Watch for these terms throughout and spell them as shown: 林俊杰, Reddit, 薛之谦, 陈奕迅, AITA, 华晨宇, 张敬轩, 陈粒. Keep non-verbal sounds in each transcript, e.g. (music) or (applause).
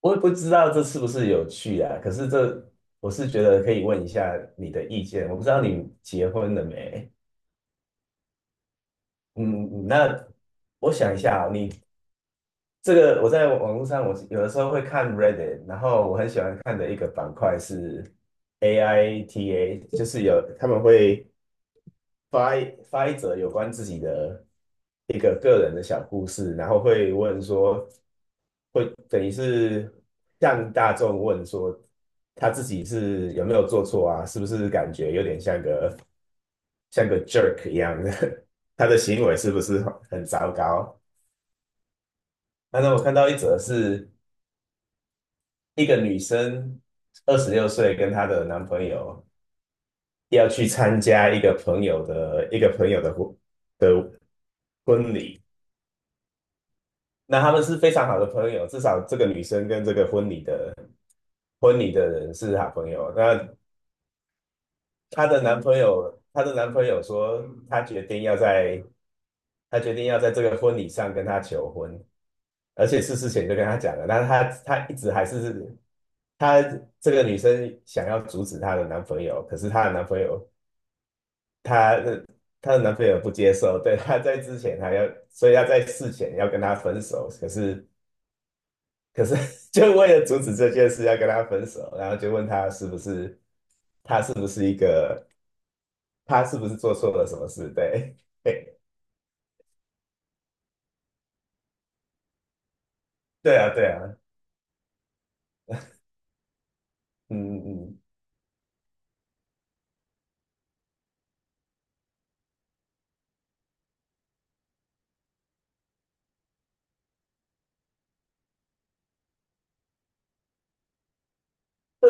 我也不知道这是不是有趣啊，可是我是觉得可以问一下你的意见。我不知道你结婚了没？嗯，那我想一下啊，这个我在网络上，我有的时候会看 Reddit，然后我很喜欢看的一个板块是 AITA，就是他们会发一则有关自己的一个个人的小故事，然后会问说，等于是向大众问说，他自己是有没有做错啊？是不是感觉有点像个 jerk 一样的？(laughs) 他的行为是不是很糟糕？那我看到一则是一个女生26岁，跟她的男朋友要去参加一个朋友的一个朋友的的婚礼。那他们是非常好的朋友，至少这个女生跟这个婚礼的人是好朋友。那她的男朋友说，他决定要在，他决定要在这个婚礼上跟她求婚，而且是事前就跟她讲了，但是她一直还是她这个女生想要阻止她的男朋友，可是她的她的男朋友不接受，对，她在之前还要，所以要在事前要跟她分手，可是可是 (laughs) 就为了阻止这件事要跟她分手，然后就问她是不是，她是不是一个，她是不是做错了什么事，对。(laughs) 对啊，对啊，嗯嗯嗯，这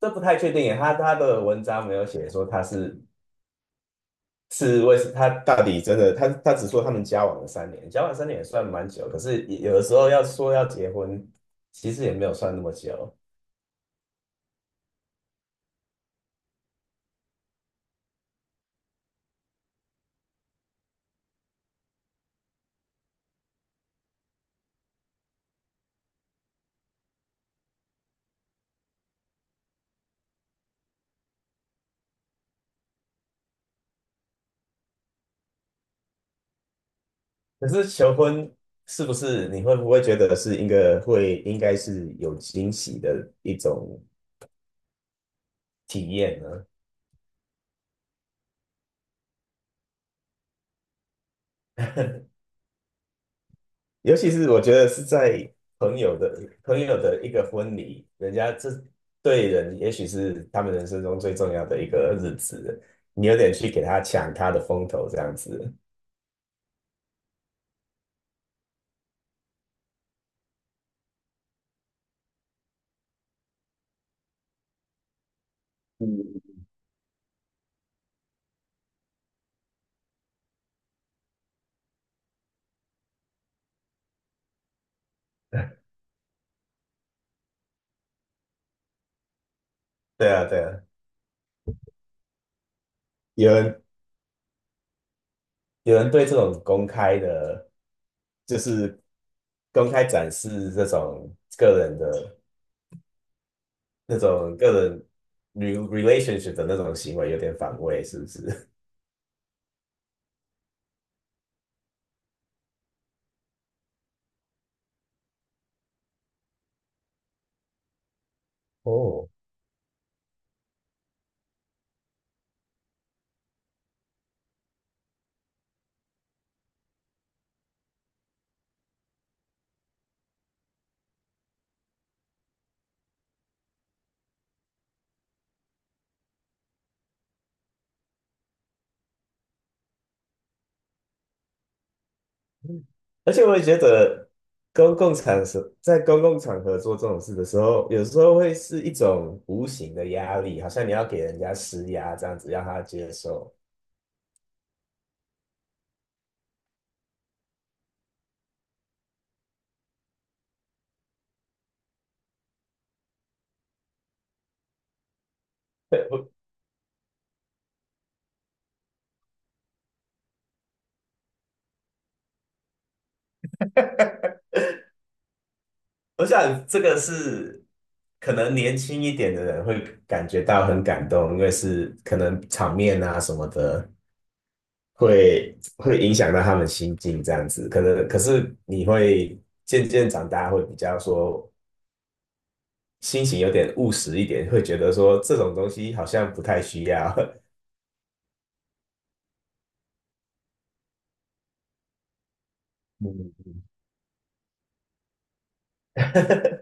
这不太确定耶，他的文章没有写说他是为他到底真的，他只说他们交往了三年，交往三年也算蛮久，可是也有的时候要说要结婚，其实也没有算那么久。可是求婚是不是你会不会觉得是一个会应该是有惊喜的一种体验呢？尤其是我觉得是在朋友的朋友的一个婚礼，人家这对人也许是他们人生中最重要的一个日子，你有点去给他抢他的风头这样子。嗯，对啊，对啊，有人有人对这种公开的，就是公开展示这种个人的那种个人 l a t i o n s h i p 的那种行为有点反胃，是不是？(laughs) 哦，而且我也觉得公共场所在公共场合做这种事的时候，有时候会是一种无形的压力，好像你要给人家施压这样子，让他接受。我想这个是可能年轻一点的人会感觉到很感动，因为是可能场面啊什么的会影响到他们心境这样子。可能可是你会渐渐长大，会比较说心情有点务实一点，会觉得说这种东西好像不太需要。嗯 (laughs)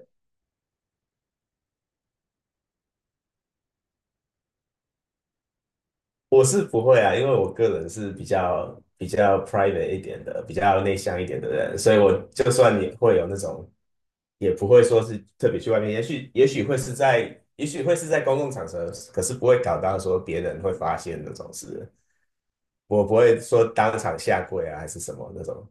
我是不会啊，因为我个人是比较 private 一点的，比较内向一点的人，所以我就算你会有那种，也不会说是特别去外面，也许会是在公共场合，可是不会搞到说别人会发现那种事，我不会说当场下跪啊还是什么那种。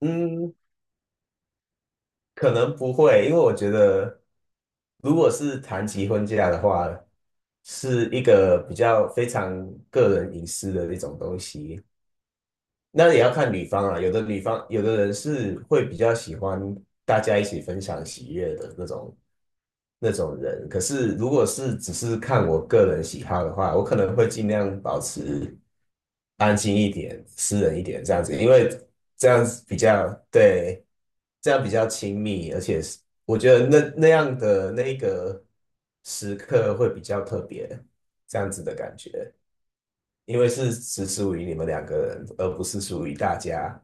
嗯，可能不会，因为我觉得，如果是谈及婚嫁的话，是一个比较非常个人隐私的一种东西，那也要看女方啊，有的女方，有的人是会比较喜欢大家一起分享喜悦的那种那种人。可是如果是只是看我个人喜好的话，我可能会尽量保持安静一点、私人一点这样子，因为这样子比较对，这样比较亲密，而且是我觉得那样的那个时刻会比较特别，这样子的感觉。因为是只属于你们两个人，而不是属于大家。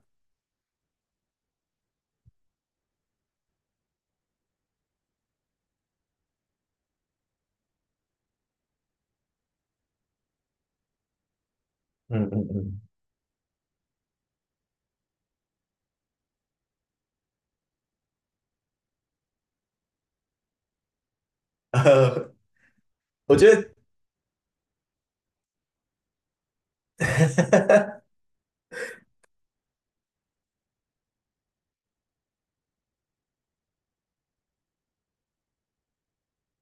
嗯嗯嗯，(laughs) 呃，我觉得 (laughs)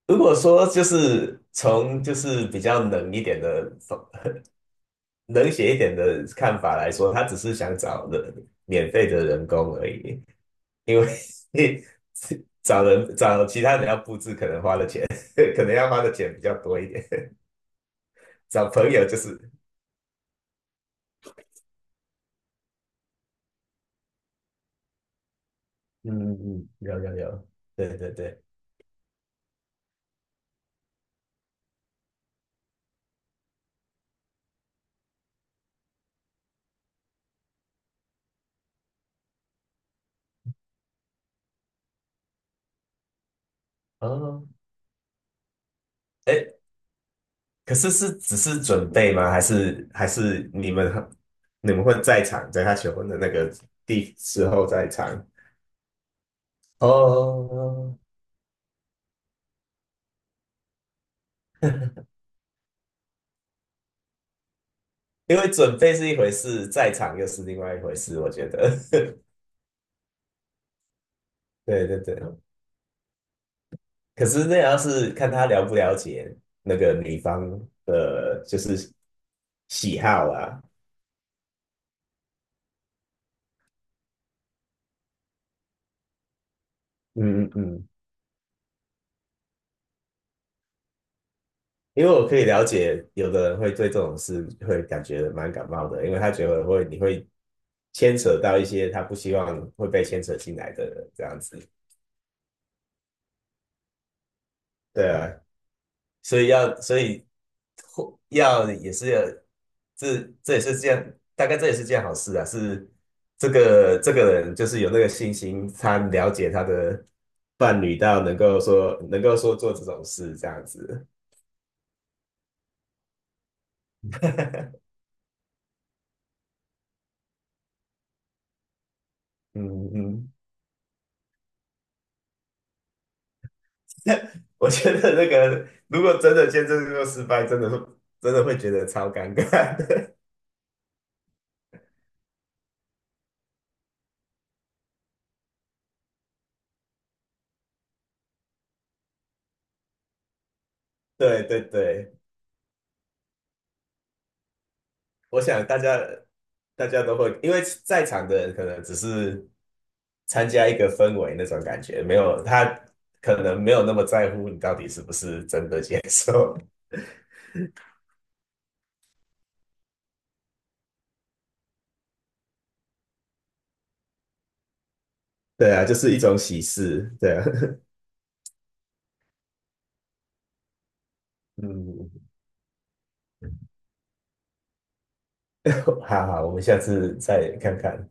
如果说就是比较冷一点的、冷血一点的看法来说，他只是想找人免费的人工而已，因为 (laughs) 找人找其他人要布置，可能花的钱 (laughs) 可能要花的钱比较多一点。(laughs) 找朋友就是，嗯嗯嗯，有有有，对对对，哦，哎，可是是只是准备吗？还是你们会在场，在他求婚的那个地时候在场？哦，因为准备是一回事，在场又是另外一回事，我觉得。(laughs) 对对对，可是那也要是看他了不了解那个女方的，就是喜好啊。嗯嗯嗯。因为我可以了解，有的人会对这种事会感觉蛮感冒的，因为他觉得会你会牵扯到一些他不希望会被牵扯进来的人这样子。对啊，所以或要也是要这也是件好事啊。是这个这个人就是有那个信心，他了解他的伴侣到能够说做这种事这样子。嗯嗯。(laughs) 我觉得那个如果真的见证这个失败，真的真的会觉得超尴尬的 (laughs) 对对对，我想大家都会，因为在场的人可能只是参加一个氛围那种感觉，没有他可能没有那么在乎你到底是不是真的接受。(laughs) 对啊，就是一种喜事。对啊，(laughs) 嗯，(laughs) 好好，我们下次再看看。